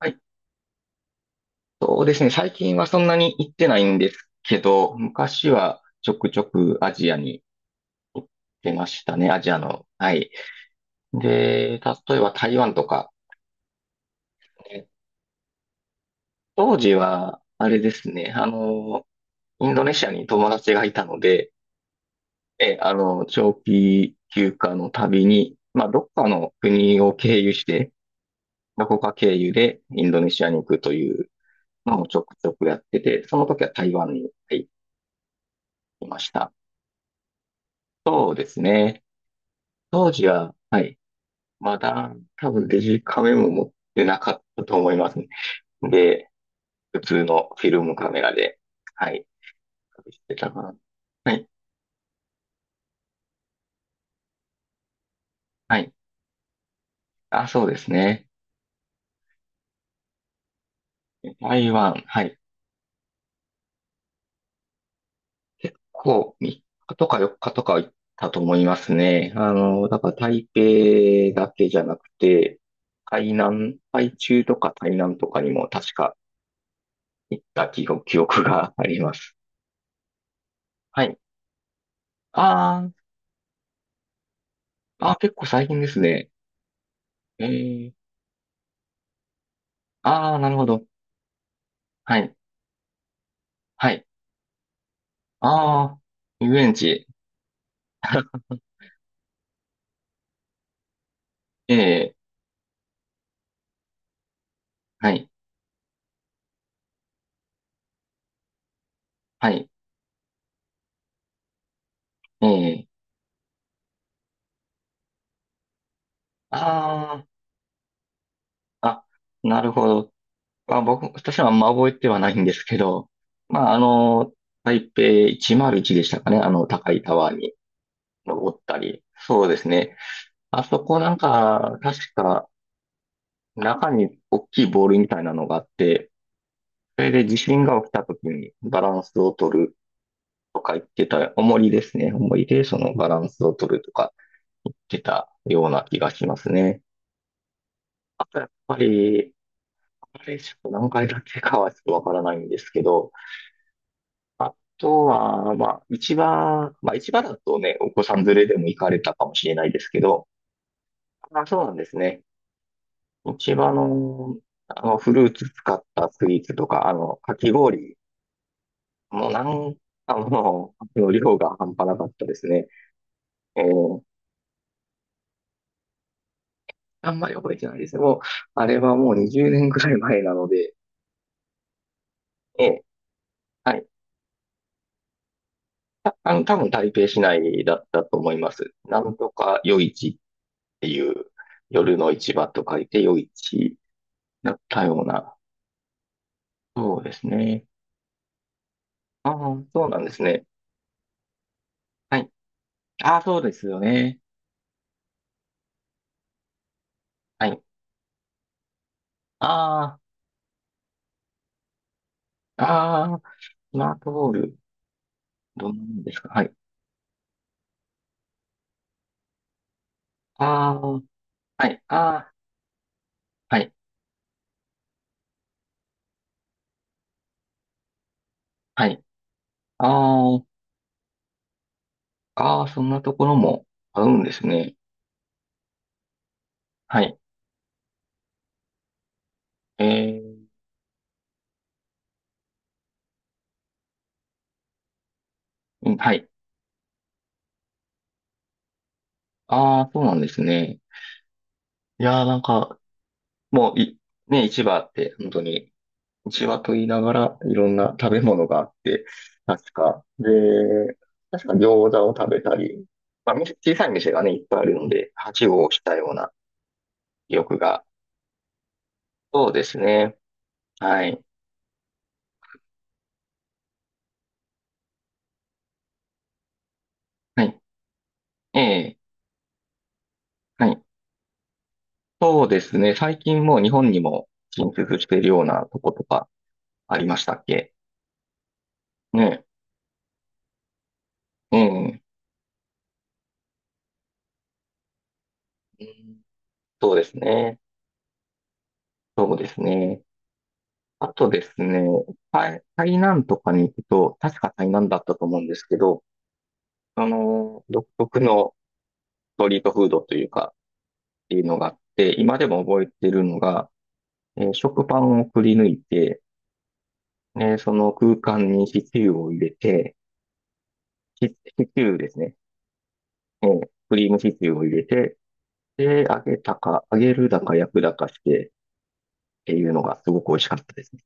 はい。そうですね。最近はそんなに行ってないんですけど、昔はちょくちょくアジアに行ってましたね。アジアの。はい。で、例えば台湾とか、ね、当時は、あれですね。インドネシアに友達がいたので、え、あの、長期休暇の旅に、まあ、どっかの国を経由して、どこか経由でインドネシアに行くというのをちょくちょくやってて、その時は台湾に、はい、いました。そうですね。当時は、はい。まだ、多分デジカメも持ってなかったと思いますね。で、普通のフィルムカメラで、はい。隠してたかな。はい。はい。あ、そうですね。台湾、はい。こう、3日とか4日とか行ったと思いますね。だから台北だけじゃなくて、台南、台中とか台南とかにも確か行った記憶があります。はい。あーあー、結構最近ですね。えーああ、なるほど。はい。はい。ああ、遊園地。ええ、はい。はい。ええ、ああ、あ、なるほど。まあ、私はあんま覚えてはないんですけど、まあ、台北101でしたかね。高いタワーに登ったり。そうですね。あそこなんか、確か、中に大きいボールみたいなのがあって、それで地震が起きた時にバランスを取るとか言ってた、重りですね。重りでそのバランスを取るとか言ってたような気がしますね。あとやっぱり、あれちょっと何回だけかはちょっとわからないんですけど、あとは、まあ、市場だとね、お子さん連れでも行かれたかもしれないですけど、あ、そうなんですね。市場の、フルーツ使ったスイーツとか、かき氷。もうなん、あの、あの量が半端なかったですね。えーあんまり覚えてないですね。もう、あれはもう20年くらい前なので、ええ、はい。たあの、多分台北市内だったと思います。なんとか夜市っていう、夜の市場と書いて夜市だったような。そうですね。ああ、そうなんですね。はい。ああ、そうですよね。はい。ああ、ああ、スマートボール、どんなもんですか？はい。ああ、はい。ああ、はい。はい。ああ、ああ、そんなところもあるんですね。はい。えー、うん。はい。ああ、そうなんですね。いやー、なんか、もう、ね、市場って本当に、市場と言いながらいろんな食べ物があって、確か。で、確か餃子を食べたり、まあ、小さい店がね、いっぱいあるので、はしごをしたような記憶が。そうですね。はい。はい。ええ、はい。そうですね。最近もう日本にも進出しているようなとことかありましたっけね。ええ、うん。そうですね。そうですね。あとですね、台南とかに行くと、確か台南だったと思うんですけど、独特のストリートフードというか、っていうのがあって、今でも覚えてるのが、食パンをくり抜いて、ね、その空間にシチューを入れて、シチューですね。クリームシチューを入れて、で、揚げたか、揚げるだか焼くだかして、っていうのがすごく美味しかったですね。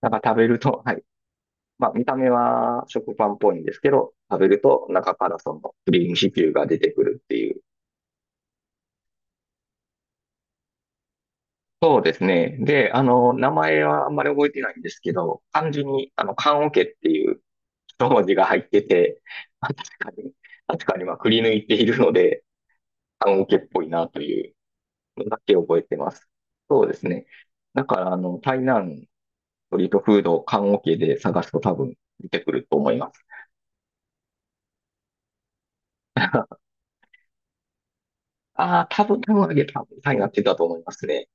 なんか食べると、はい、まあ、見た目は食パンっぽいんですけど、食べると中からそのクリームシチューが出てくるっていう。そうですね。で、名前はあんまり覚えてないんですけど、漢字に、棺桶っていう一文字が入ってて、まあ確かに、確かにまあ、くり抜いているので、棺桶っぽいなというのだけ覚えてます。そうですね。だから、台南、ストリートフード、棺桶で探すと多分出てくると思います。ああ、多分、多分あげた、台南って言ったと思いますね。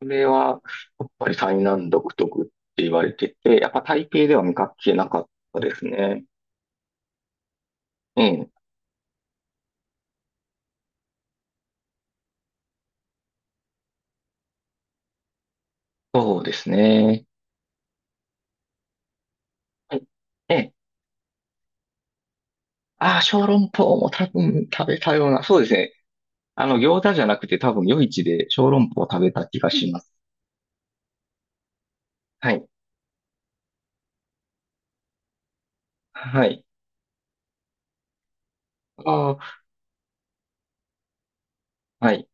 これは、やっぱり台南独特って言われてて、やっぱ台北では見かけなかったですね。うん、そうですね。はい。ええ、ああ、小籠包も多分食べたような、そうですね。餃子じゃなくて多分夜市で小籠包を食べた気がします。はい。はい。ああ、はい。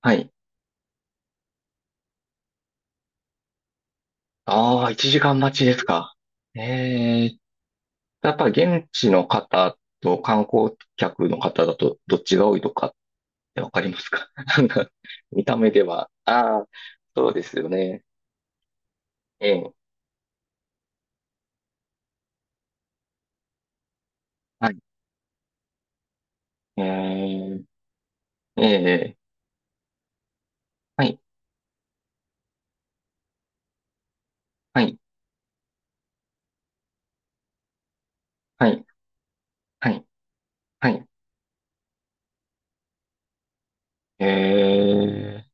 はい。ああ、1時間待ちですか。ええ、やっぱり現地の方と観光客の方だとどっちが多いとかわかりますか？ なんか、見た目では。ああ、そうですよね。ええ、はい。ええ、ええ、はい、はい、はい、はい、はい。ええ、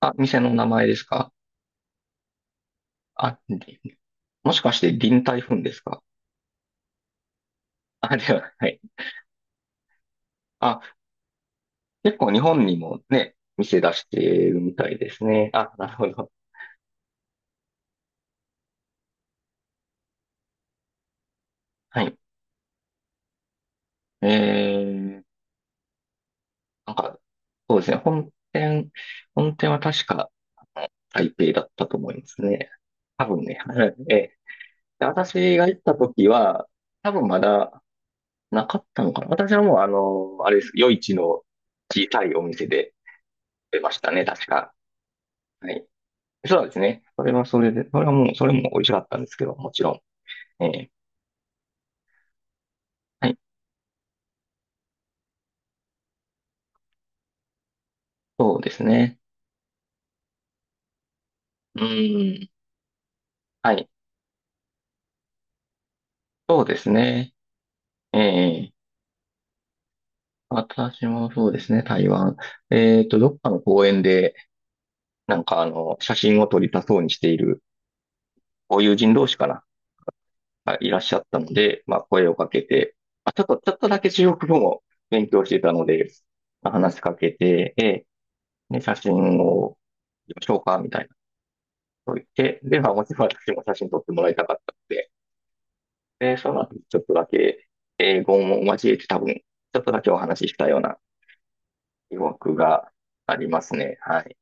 あ、店の名前ですか？あ、もしかして臨台風ですか？ あ、では、はい。あ、結構日本にもね、店出してるみたいですね。あ、なるほど。はい。ええ、なんか、そうですね。本店は確か、台北だったと思いますね。多分ね。はい、ええ。で、私が行った時は、多分まだなかったのかな。私はもうあれです。夜市の小さいお店で出ましたね。確か。はい。そうですね。それはそれで、それはもう、それも美味しかったんですけど、もちろん。ええ。はい。そうですね。うん。はい。そうですね。ええ、私もそうですね、台湾。どっかの公園で、なんか写真を撮りたそうにしているご友人同士かな、がいらっしゃったので、まあ、声をかけて、まあ、ちょっとだけ中国語も勉強してたので、話しかけて、ええ、ね、写真を撮りましょうか、みたいなことを言って、で、まあ、もちろん私も写真撮ってもらいたかったので、で、その後、ちょっとだけ英語も交えて多分、ちょっとだけお話ししたような記憶がありますね。はい。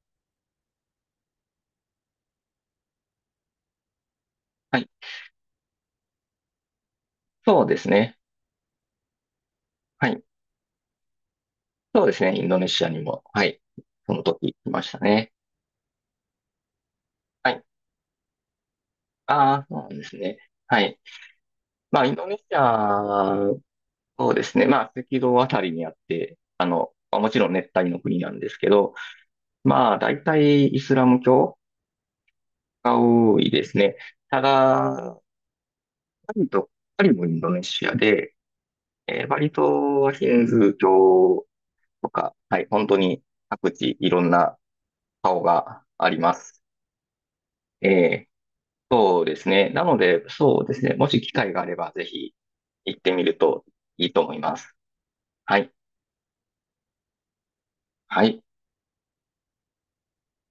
そうですね。はい。そうですね。インドネシアにも、はい。その時行きましたね。はい。ああ、そうなんですね。はい。まあ、インドネシア、そうですね。まあ、赤道あたりにあって、まあもちろん熱帯の国なんですけど、まあ、大体イスラム教が多いですね。ただ、バリと、バリもインドネシアで、バリ島はヒンズー教とか、はい、本当に各地いろんな顔があります。えーそうですね。なので、そうですね。もし機会があれば、ぜひ行ってみるといいと思います。はい。はい。